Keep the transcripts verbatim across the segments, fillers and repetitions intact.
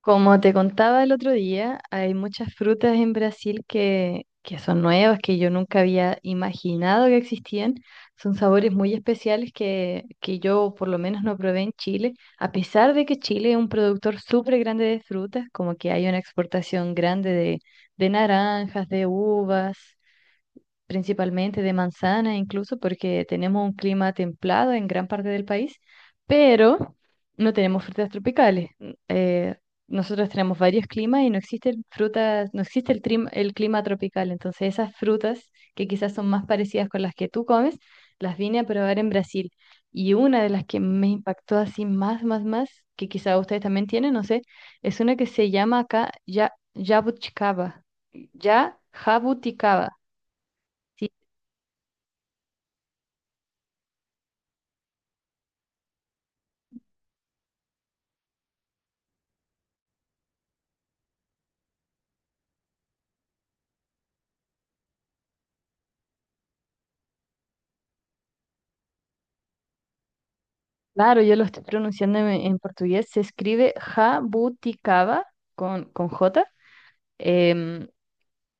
Como te contaba el otro día, hay muchas frutas en Brasil que, que son nuevas, que yo nunca había imaginado que existían. Son sabores muy especiales que, que yo por lo menos no probé en Chile, a pesar de que Chile es un productor súper grande de frutas, como que hay una exportación grande de, de naranjas, de uvas, principalmente de manzana, incluso porque tenemos un clima templado en gran parte del país, pero no tenemos frutas tropicales. N- eh, nosotros tenemos varios climas y no existe el frutas, no existe el, trim- el clima tropical. Entonces, esas frutas que quizás son más parecidas con las que tú comes, las vine a probar en Brasil. Y una de las que me impactó así más, más, más, que quizás ustedes también tienen, no sé, es una que se llama acá ya, jabuticaba. Ya, jabuticaba. ¿Sí? Claro, yo lo estoy pronunciando en, en portugués. Se escribe jabuticaba con, con J. Em,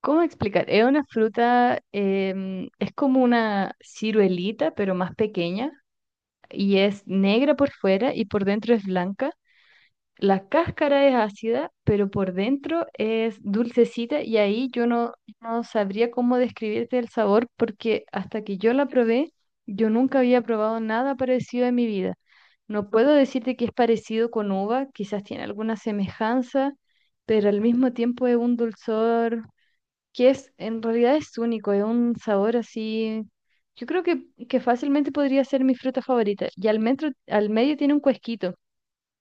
¿cómo explicar? Es una fruta, em, es como una ciruelita, pero más pequeña, y es negra por fuera y por dentro es blanca. La cáscara es ácida, pero por dentro es dulcecita y ahí yo no, no sabría cómo describirte el sabor porque hasta que yo la probé, yo nunca había probado nada parecido en mi vida. No puedo decirte que es parecido con uva, quizás tiene alguna semejanza, pero al mismo tiempo es un dulzor que es, en realidad es único, es un sabor así, yo creo que, que fácilmente podría ser mi fruta favorita. Y al, metro- al medio tiene un cuesquito.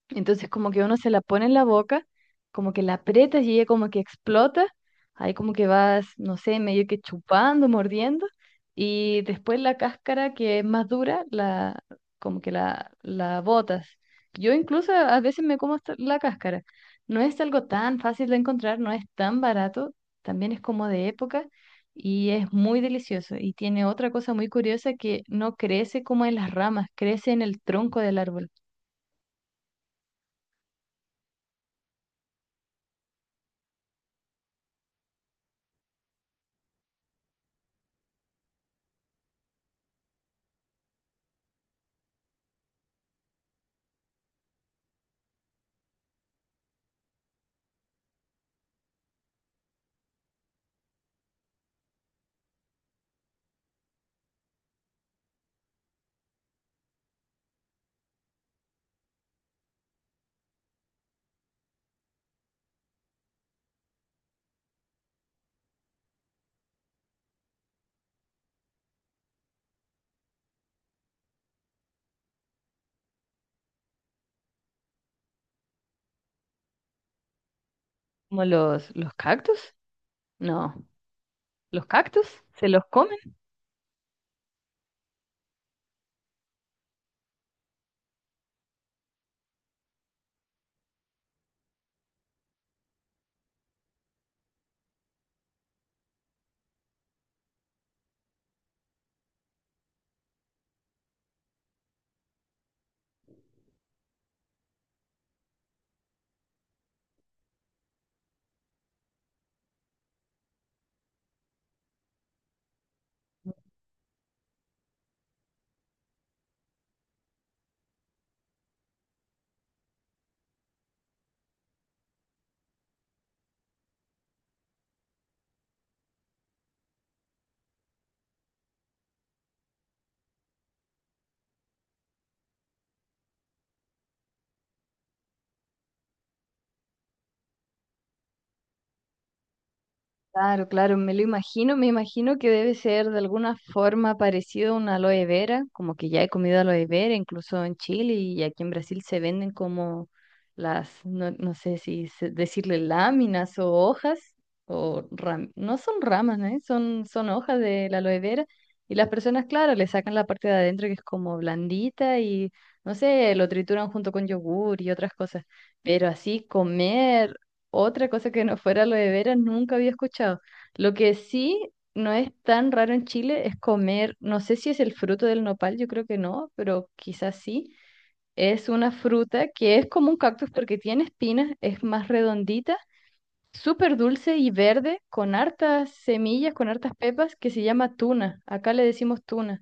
Entonces como que uno se la pone en la boca, como que la aprietas y ella como que explota, ahí como que vas, no sé, medio que chupando, mordiendo, y después la cáscara que es más dura, la, como que la, la botas. Yo incluso a a veces me como hasta la cáscara. No es algo tan fácil de encontrar, no es tan barato, también es como de época y es muy delicioso. Y tiene otra cosa muy curiosa que no crece como en las ramas, crece en el tronco del árbol. ¿Como los, los cactus? No, ¿los cactus? ¿Se los come? Claro, claro, me lo imagino, me imagino que debe ser de alguna forma parecido a una aloe vera, como que ya he comido aloe vera, incluso en Chile y aquí en Brasil se venden como las, no, no sé si se- decirle láminas o hojas, o ram- no son ramas, ¿eh? Son, son hojas de la aloe vera y las personas, claro, le sacan la parte de adentro que es como blandita y, no sé, lo trituran junto con yogur y otras cosas, pero así comer otra cosa que no fuera aloe vera nunca había escuchado. Lo que sí no es tan raro en Chile es comer, no sé si es el fruto del nopal, yo creo que no, pero quizás sí. Es una fruta que es como un cactus porque tiene espinas, es más redondita, súper dulce y verde, con hartas semillas, con hartas pepas, que se llama tuna. Acá le decimos tuna.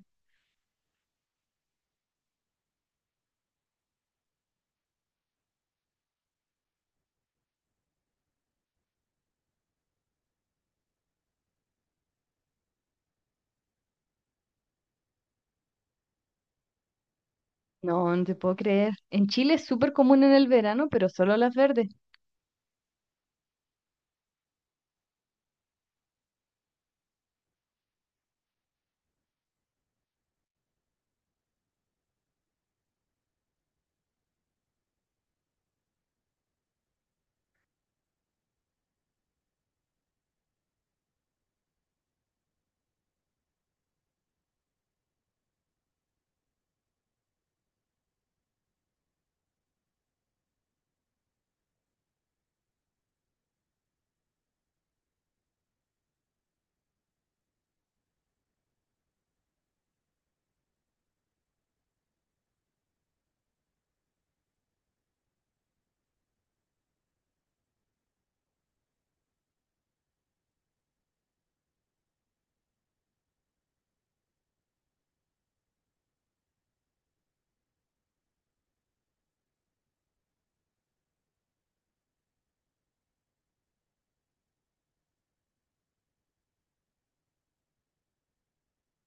No, no te puedo creer. En Chile es súper común en el verano, pero solo las verdes.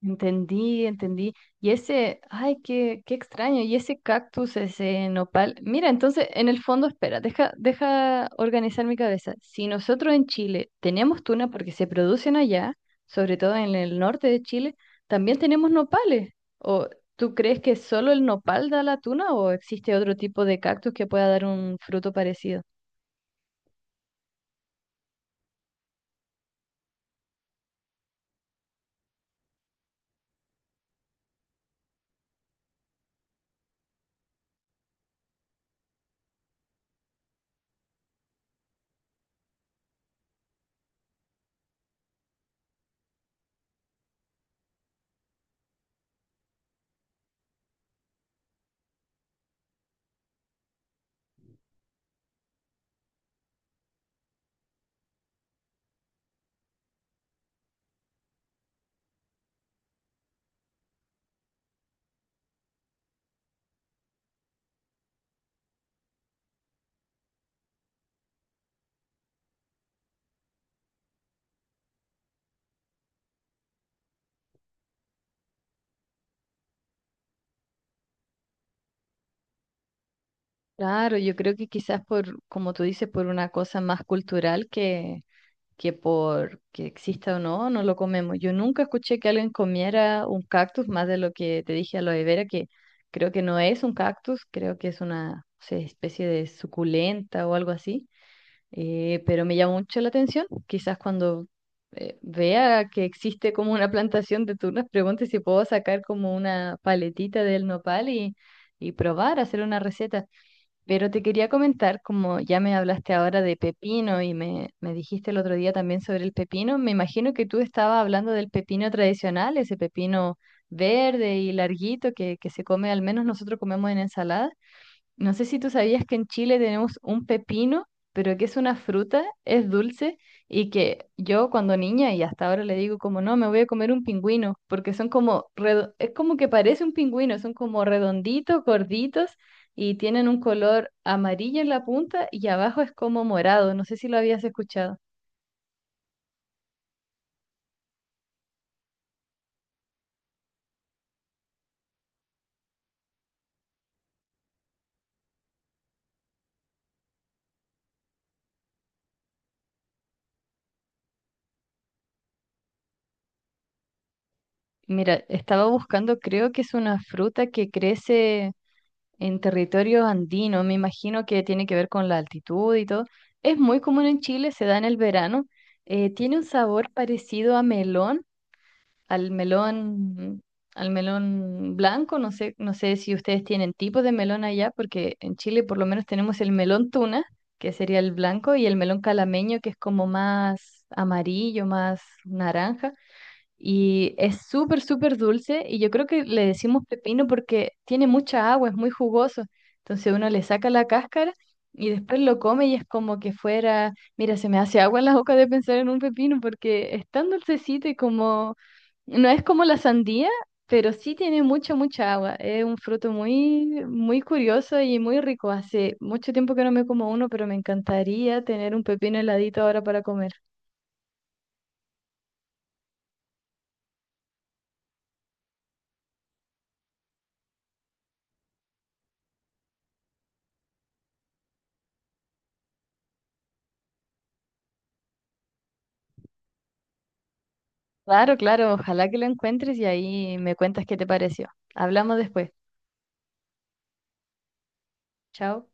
Entendí, entendí. Y ese, ay, qué, qué extraño. Y ese cactus, ese nopal. Mira, entonces, en el fondo, espera, deja, deja organizar mi cabeza. Si nosotros en Chile tenemos tuna porque se producen allá, sobre todo en el norte de Chile, también tenemos nopales. ¿O tú crees que solo el nopal da la tuna o existe otro tipo de cactus que pueda dar un fruto parecido? Claro, yo creo que quizás por, como tú dices, por una cosa más cultural que que por que exista o no, no lo comemos. Yo nunca escuché que alguien comiera un cactus más de lo que te dije a lo de vera, que creo que no es un cactus, creo que es una, no sé, especie de suculenta o algo así. Eh, pero me llama mucho la atención. Quizás cuando eh, vea que existe como una plantación de tunas, pregunte si puedo sacar como una paletita del nopal y, y probar, hacer una receta. Pero te quería comentar, como ya me hablaste ahora de pepino y me, me dijiste el otro día también sobre el pepino, me imagino que tú estabas hablando del pepino tradicional, ese pepino verde y larguito que, que se come, al menos nosotros comemos en ensalada. No sé si tú sabías que en Chile tenemos un pepino, pero que es una fruta, es dulce, y que yo cuando niña y hasta ahora le digo como no, me voy a comer un pingüino, porque son como, redo- es como que parece un pingüino, son como redonditos, gorditos, y tienen un color amarillo en la punta y abajo es como morado, no sé si lo habías escuchado. Mira, estaba buscando, creo que es una fruta que crece en territorio andino, me imagino que tiene que ver con la altitud y todo. Es muy común en Chile, se da en el verano. Eh, tiene un sabor parecido a melón, al melón, al melón blanco. No sé, no sé si ustedes tienen tipos de melón allá, porque en Chile por lo menos tenemos el melón tuna, que sería el blanco, y el melón calameño, que es como más amarillo, más naranja. Y es súper, súper dulce y yo creo que le decimos pepino porque tiene mucha agua, es muy jugoso. Entonces uno le saca la cáscara y después lo come y es como que fuera, mira, se me hace agua en la boca de pensar en un pepino porque es tan dulcecito y como, no es como la sandía, pero sí tiene mucha, mucha agua. Es un fruto muy, muy curioso y muy rico. Hace mucho tiempo que no me como uno, pero me encantaría tener un pepino heladito ahora para comer. Claro, claro, ojalá que lo encuentres y ahí me cuentas qué te pareció. Hablamos después. Chao.